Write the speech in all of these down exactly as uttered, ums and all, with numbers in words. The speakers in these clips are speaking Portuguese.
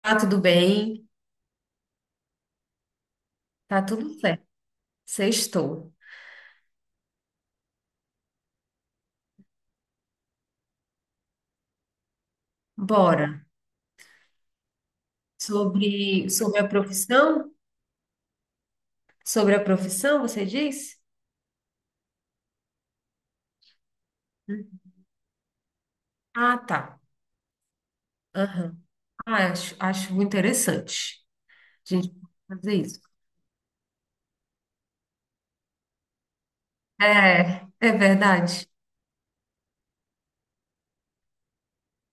Tá tudo bem, tá tudo certo. Sextou. Bora. Sobre, sobre a profissão? Sobre a profissão, você disse? Ah, tá. Aham. Ah, acho, acho muito interessante a gente pode fazer isso. É, é verdade.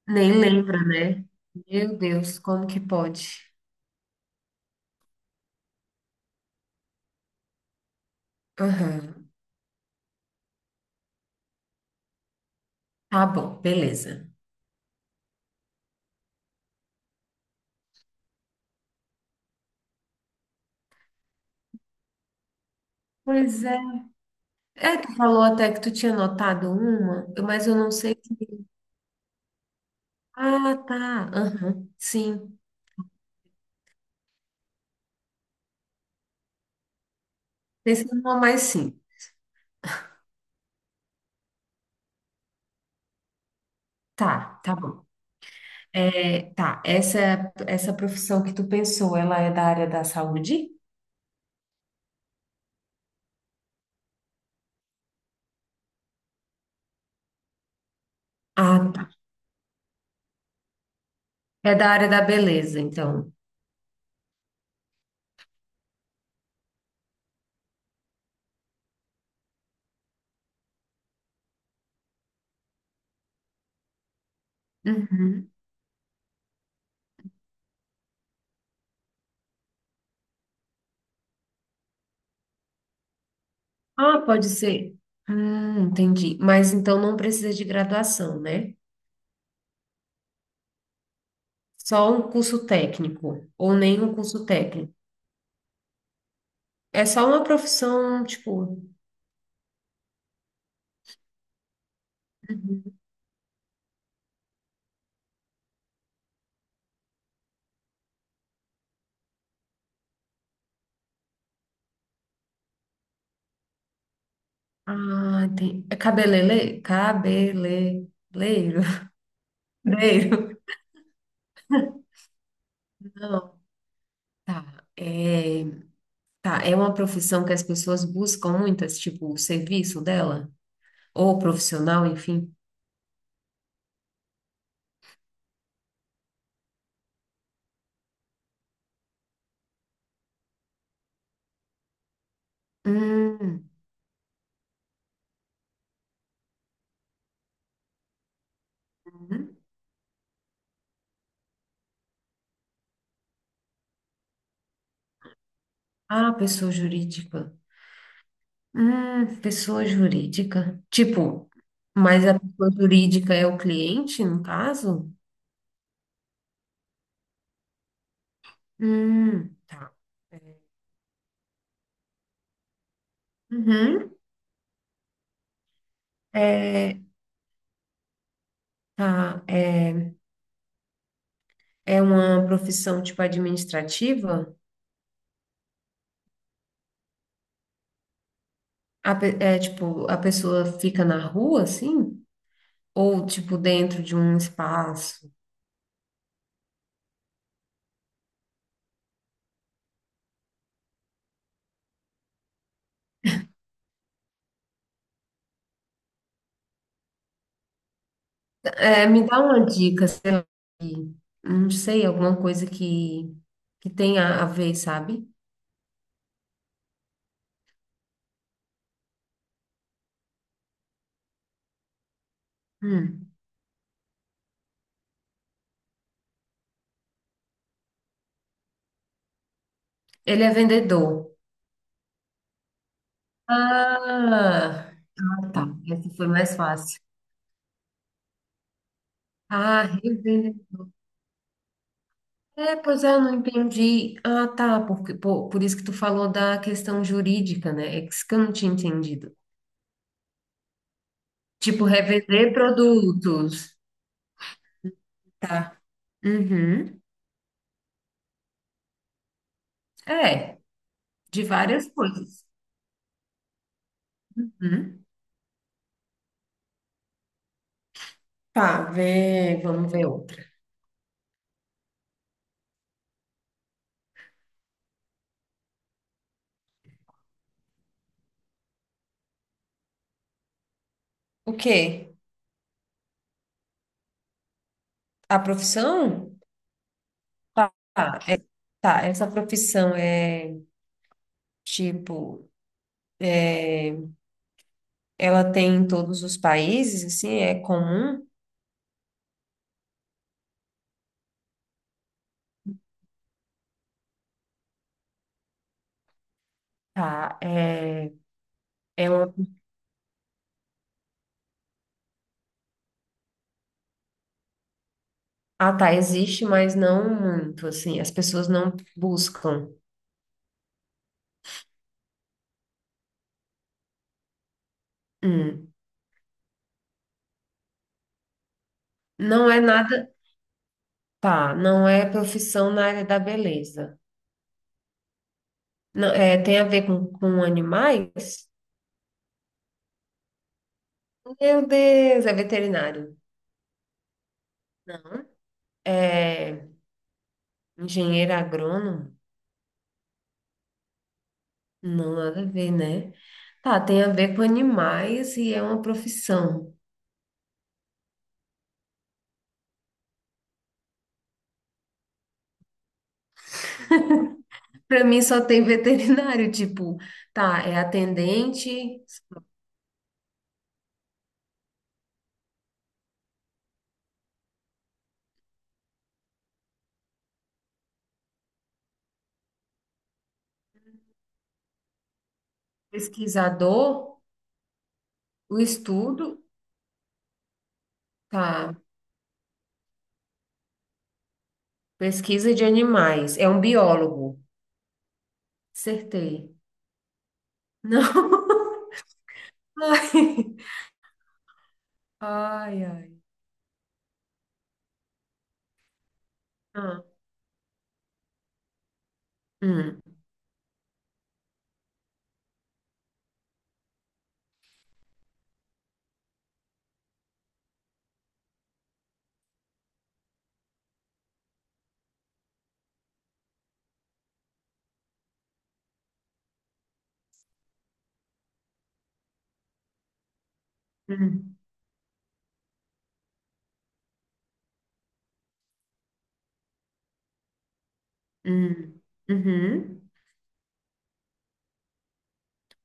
Nem lembra, né? Meu Deus, como que pode? Aham. Tá bom, beleza. Pois é. É, tu falou até que tu tinha notado uma, mas eu não sei. se- Ah, tá. Aham. Sim. Pensei numa mais simples. Tá, tá bom. É, tá, essa, essa profissão que tu pensou, ela é da área da saúde? Ah, tá. É da área da beleza, então. Uhum. Ah, pode ser. Hum, entendi. Mas então não precisa de graduação, né? Só um curso técnico, ou nem um curso técnico. É só uma profissão, tipo. Ah, entendi. É cabelele? Cabeleleiro. Leiro. Não, tá. É. Tá, é uma profissão que as pessoas buscam muitas, tipo, o serviço dela, ou profissional, enfim. Hum, hum. Ah, pessoa jurídica. Hum, pessoa jurídica. Tipo, mas a pessoa jurídica é o cliente, no caso? Hum, tá. É. Uhum. É, tá, é, é uma profissão, tipo, administrativa? A pe- é, tipo, a pessoa fica na rua, assim? Ou, tipo, dentro de um espaço? É, me dá uma dica, sei lá, que- não sei, alguma coisa que, que, tenha a ver, sabe? Hum. Ele é vendedor. Ah, ah, tá. Essa foi mais fácil. Ah, revendedor. É, pois é, eu não entendi. Ah, tá, porque, por, por isso que tu falou da questão jurídica, né? É isso que eu não tinha entendido. Tipo, revender produtos. Tá. Uhum. É, de várias coisas. Uhum. Tá, vê, vamos ver outra. O quê? A profissão? Tá. Tá, é- tá, essa profissão é tipo, ela tem em todos os países, assim, é comum? Tá. é, é uma- ah, tá, existe, mas não muito, assim, as pessoas não buscam. Hum. Não é nada, tá, não é profissão na área da beleza. Não, é, tem a ver com, com animais? Meu Deus, é veterinário. Não. É engenheiro agrônomo? Não, nada a ver, né? Tá, tem a ver com animais e é uma profissão. Para mim só tem veterinário, tipo, tá, é atendente, pesquisador, o estudo, tá, pesquisa de animais, é um biólogo. Acertei. Não. Ai, ai, ai. Ah, hum, hum, hum, uhum.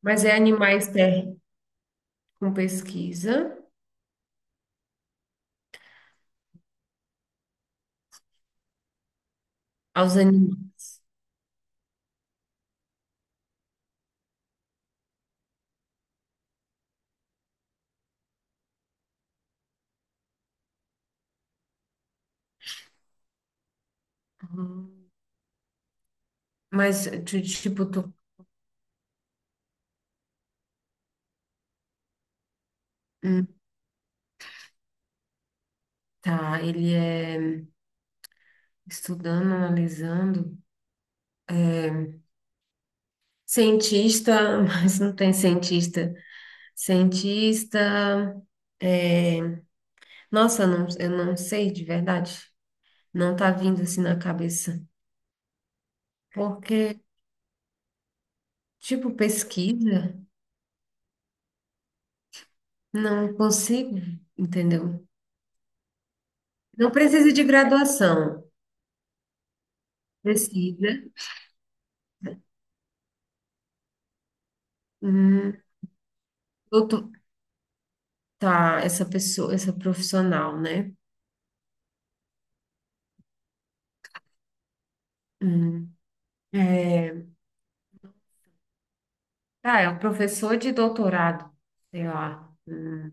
Mas é animais ter com pesquisa aos animais. Uhum. Mas, ti- tipo, tu. Hum. Tá, ele é estudando, analisando. Cientista, mas não tem cientista. Cientista. É, Nossa, não, eu não sei de verdade. Não tá vindo assim na cabeça. Porque, tipo, pesquisa, não consigo, entendeu? Não precisa de graduação. Pesquisa. Hum, doutor- tá, essa pessoa, essa profissional, né? Hum, é, ah, é um professor de doutorado, sei lá. Hum.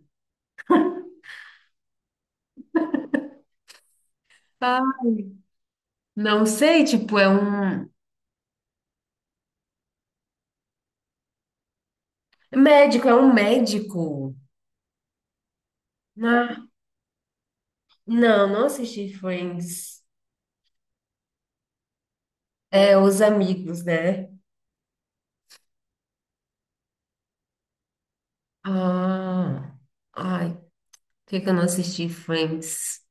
Ah, não sei, tipo, é um médico, é um médico. Ah, não, não assisti Friends. É Os Amigos, né? Ah, ai, por que que eu não assisti Friends?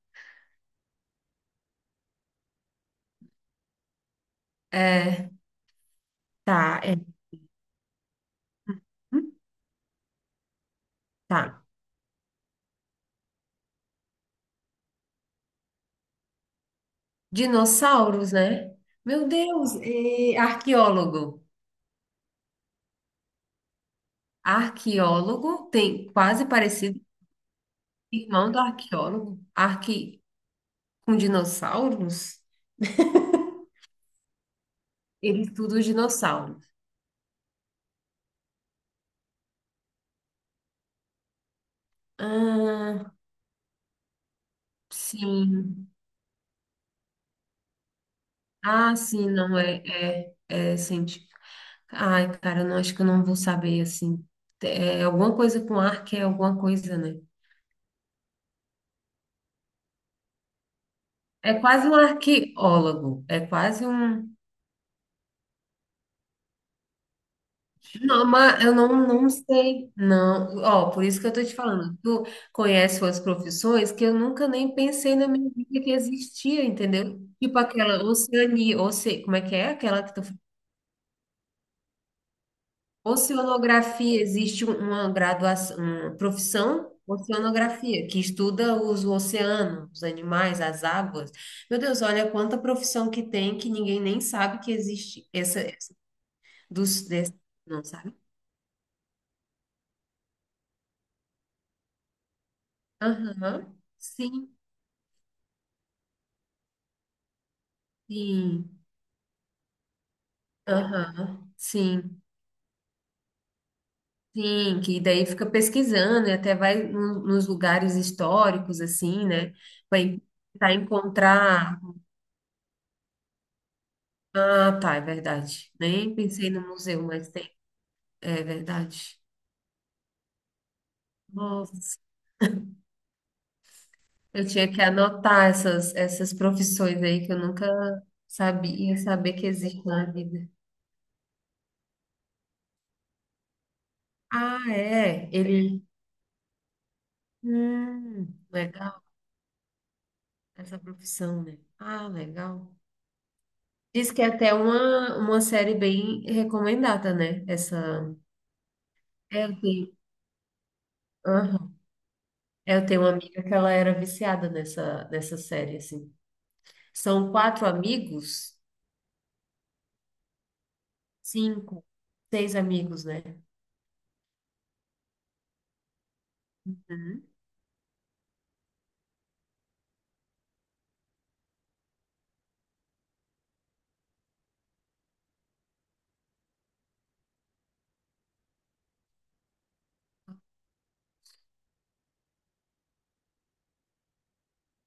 É, tá, é, hum, tá. Dinossauros, né? Meu Deus, é arqueólogo. Arqueólogo tem quase parecido com o irmão do arqueólogo. Arque Com dinossauros? Ele estuda os dinossauros. Ah, sim. Ah, sim, não, é, é, é científico. Ai, cara, eu não acho que eu não vou saber, assim. É alguma coisa com arque, é alguma coisa, né? É quase um arqueólogo, é quase um... Não, mas eu não, não sei, não. Ó, por isso que eu tô te falando, tu conhece suas profissões que eu nunca nem pensei na minha vida que existia, entendeu? Tipo aquela oceania, oce... como é que é? Aquela que tu. Oceanografia, existe um, uma graduação, uma profissão, oceanografia, que estuda os oceanos, os animais, as águas. Meu Deus, olha quanta profissão que tem que ninguém nem sabe que existe. Essa, dos, desse, não sabe? Aham, sim, sim. Aham, sim, sim. Que daí fica pesquisando e até vai no- nos lugares históricos, assim, né? Vai tentar encontrar. Ah, tá, é verdade. Nem pensei no museu, mas tem. É verdade. Nossa, eu tinha que anotar essas, essas profissões aí que eu nunca sabia saber que existem na vida. Ah, é. Ele. Hum, legal essa profissão, né? Ah, legal. Diz que é até uma, uma série bem recomendada, né? Essa. É, eu tenho. Aham. É, eu tenho uma amiga que ela era viciada nessa, nessa série, assim. São quatro amigos, cinco, seis amigos, né? Uhum.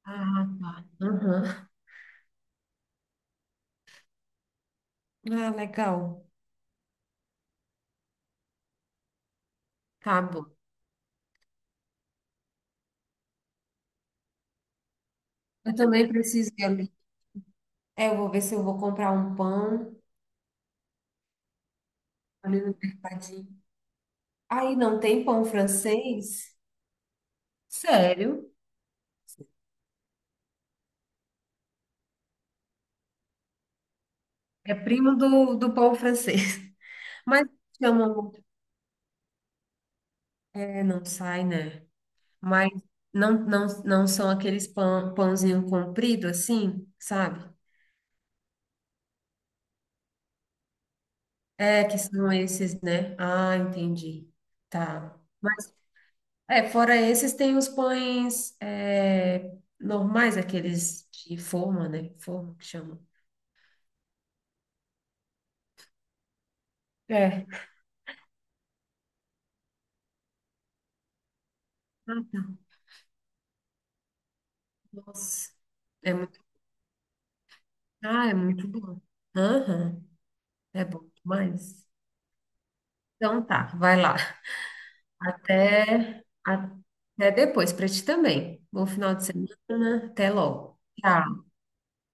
Ah, tá. Aham. Ah, legal. Tá bom. Eu também preciso ir ali, é, eu vou ver se eu vou comprar um pão ali no mercadinho. Aí não tem pão francês? Sério? É primo do, do pão francês. Mas chamam muito. É, não sai, né? Mas não, não, não são aqueles pão, pãozinho comprido assim, sabe? É, que são esses, né? Ah, entendi. Tá. É, fora esses, tem os pães é, normais, aqueles de forma, né? Forma que chama. É. Ah, Nossa, é muito, ah, é muito bom. Aham, é bom demais. Então tá, vai lá. Até, até depois, para ti também. Bom final de semana, até logo. Tchau.